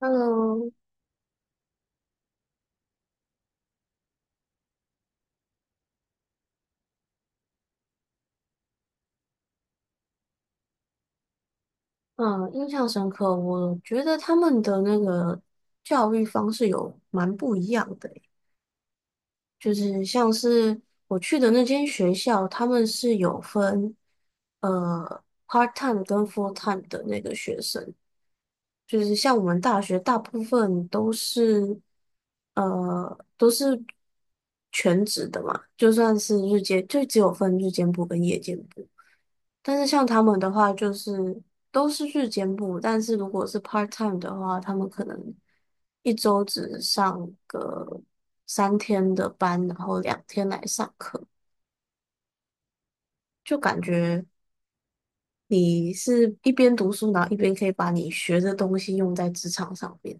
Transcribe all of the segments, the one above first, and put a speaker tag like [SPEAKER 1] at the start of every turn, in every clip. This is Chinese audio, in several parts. [SPEAKER 1] Hello，嗯，印象深刻。我觉得他们的那个教育方式有蛮不一样的欸就是像是我去的那间学校，他们是有分part time 跟 full time 的那个学生，就是像我们大学大部分都是呃都是全职的嘛，就算是日间，就只有分日间部跟夜间部。但是像他们的话，就是都是日间部，但是如果是 part time 的话，他们可能一周只上个三天的班，然后两天来上课，就感觉你是一边读书，然后一边可以把你学的东西用在职场上面，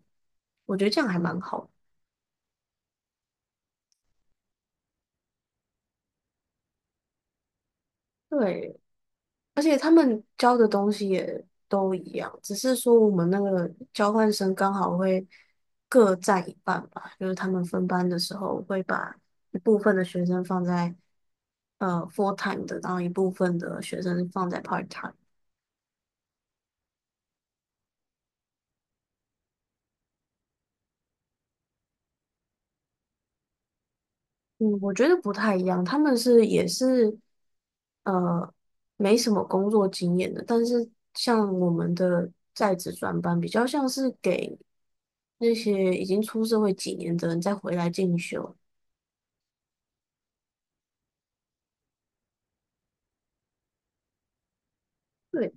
[SPEAKER 1] 我觉得这样还蛮好的。对，而且他们教的东西也都一样，只是说我们那个交换生刚好会各占一半吧，就是他们分班的时候会把一部分的学生放在full time 的，然后一部分的学生放在 part time。嗯，我觉得不太一样，他们是也是呃没什么工作经验的，但是像我们的在职专班比较像是给那些已经出社会几年的人再回来进修。对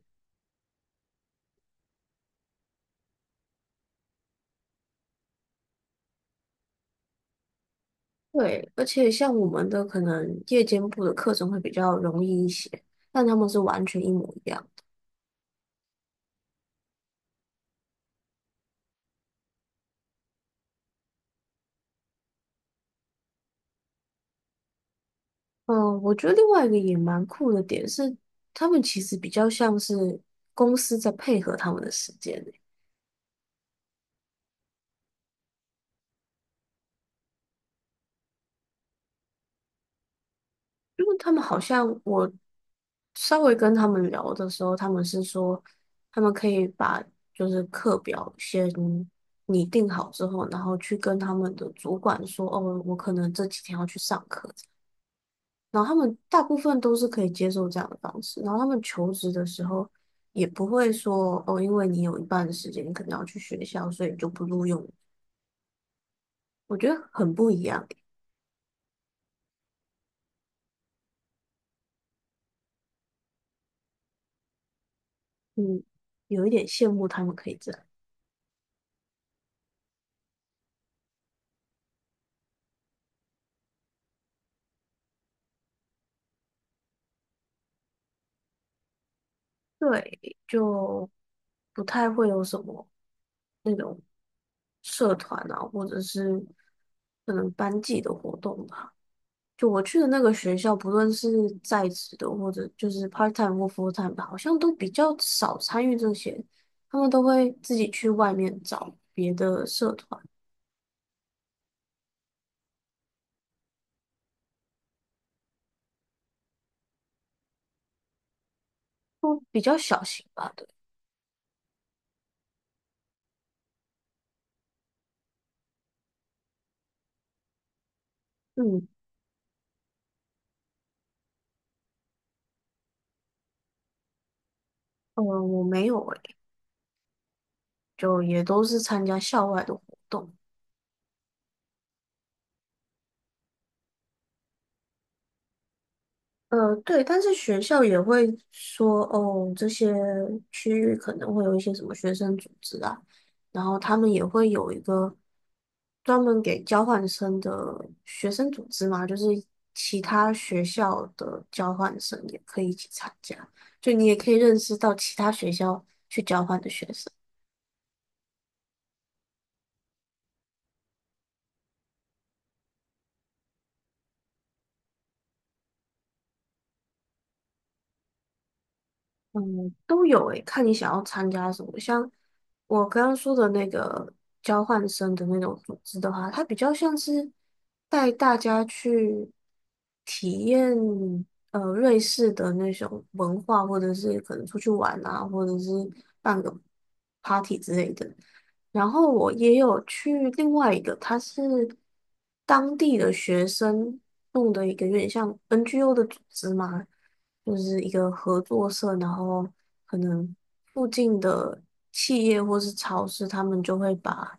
[SPEAKER 1] 对，而且像我们的可能夜间部的课程会比较容易一些，但他们是完全一模一样。嗯，我觉得另外一个也蛮酷的点是，他们其实比较像是公司在配合他们的时间欸，因为他们好像我稍微跟他们聊的时候，他们是说他们可以把就是课表先拟定好之后，然后去跟他们的主管说，哦，我可能这几天要去上课。然后他们大部分都是可以接受这样的方式，然后他们求职的时候也不会说哦，因为你有一半的时间你可能要去学校，所以你就不录用。我觉得很不一样欸，嗯，有一点羡慕他们可以这样，对，就不太会有什么那种社团啊，或者是可能班级的活动吧。就我去的那个学校，不论是在职的或者就是 part time 或 full time 的，好像都比较少参与这些，他们都会自己去外面找别的社团，都比较小型吧，对，嗯，我没有诶，就也都是参加校外的活动。对，但是学校也会说，哦，这些区域可能会有一些什么学生组织啊，然后他们也会有一个专门给交换生的学生组织嘛，就是其他学校的交换生也可以一起参加，就你也可以认识到其他学校去交换的学生。嗯，都有诶，看你想要参加什么。像我刚刚说的那个交换生的那种组织的话，它比较像是带大家去体验瑞士的那种文化，或者是可能出去玩啊，或者是办个 party 之类的。然后我也有去另外一个，它是当地的学生弄的一个有点像 NGO 的组织嘛。就是一个合作社，然后可能附近的企业或是超市，他们就会把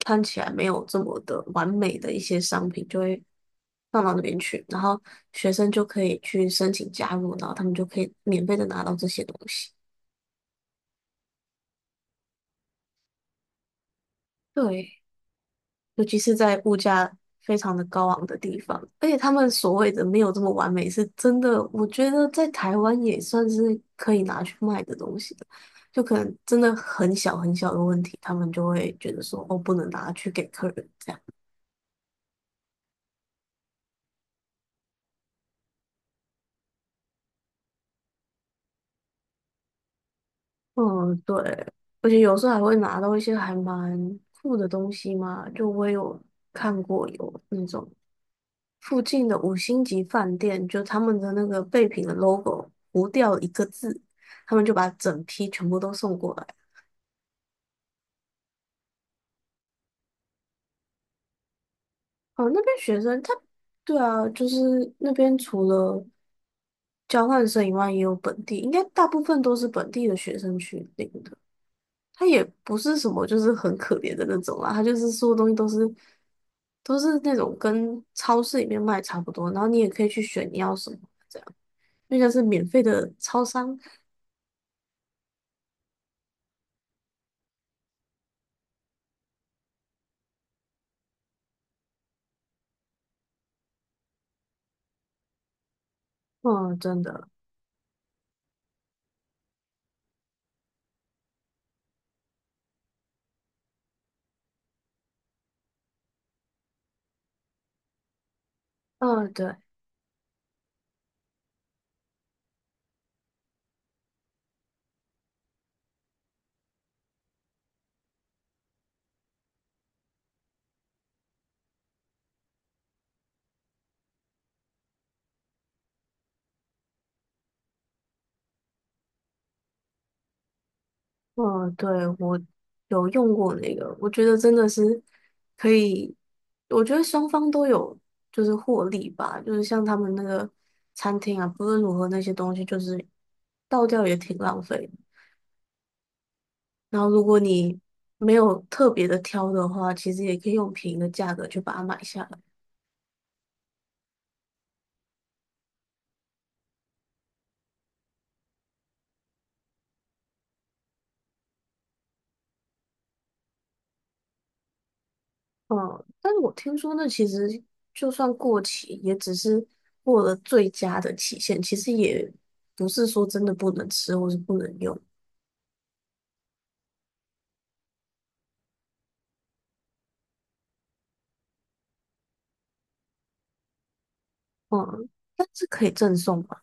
[SPEAKER 1] 看起来没有这么的完美的一些商品，就会放到那边去，然后学生就可以去申请加入，然后他们就可以免费的拿到这些东西。对，尤其是在物价非常的高昂的地方，而且他们所谓的没有这么完美，是真的，我觉得在台湾也算是可以拿去卖的东西了。就可能真的很小很小的问题，他们就会觉得说，哦，不能拿去给客人这样。嗯，对，而且有时候还会拿到一些还蛮酷的东西嘛，就我有看过有那种。附近的五星级饭店，就他们的那个备品的 logo 糊掉一个字，他们就把整批全部都送过来。哦，那边学生他，对啊，就是那边除了交换生以外，也有本地，应该大部分都是本地的学生去领的。他也不是什么就是很可怜的那种啦，他就是所有东西都是那种跟超市里面卖差不多，然后你也可以去选你要什么，这样，因为像是免费的超商。嗯，真的。嗯，对，嗯，对，我有用过那个，我觉得真的是可以，我觉得双方都有就是获利吧，就是像他们那个餐厅啊，不论如何那些东西就是倒掉也挺浪费的。然后如果你没有特别的挑的话，其实也可以用便宜的价格去把它买下来。嗯，但是我听说那其实就算过期，也只是过了最佳的期限，其实也不是说真的不能吃或是不能用。嗯，但是可以赠送吧？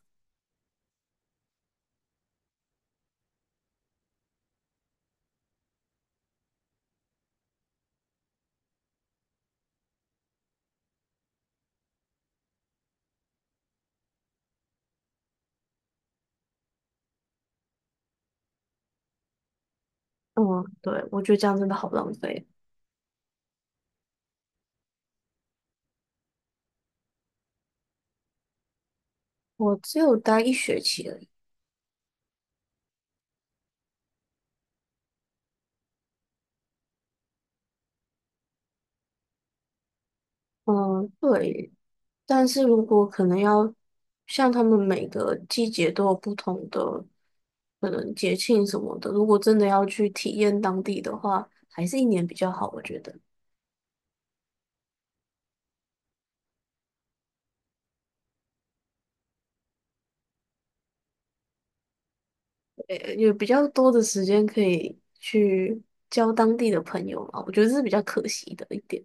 [SPEAKER 1] 嗯，对，我觉得这样真的好浪费。我只有待一学期而已。嗯，对。但是如果可能要像他们每个季节都有不同的可能节庆什么的，如果真的要去体验当地的话，还是一年比较好，我觉得。有比较多的时间可以去交当地的朋友嘛，我觉得这是比较可惜的一点。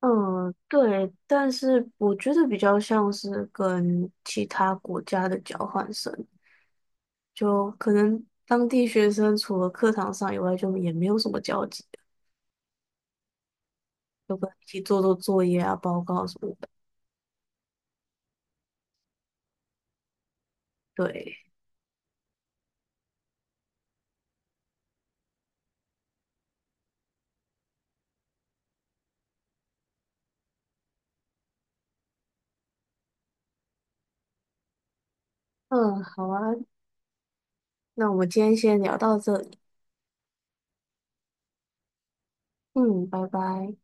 [SPEAKER 1] 嗯，对，但是我觉得比较像是跟其他国家的交换生，就可能当地学生除了课堂上以外，就也没有什么交集，就跟一起做做作业啊、报告什么的。对，嗯，好啊，那我们今天先聊到这里，嗯，拜拜。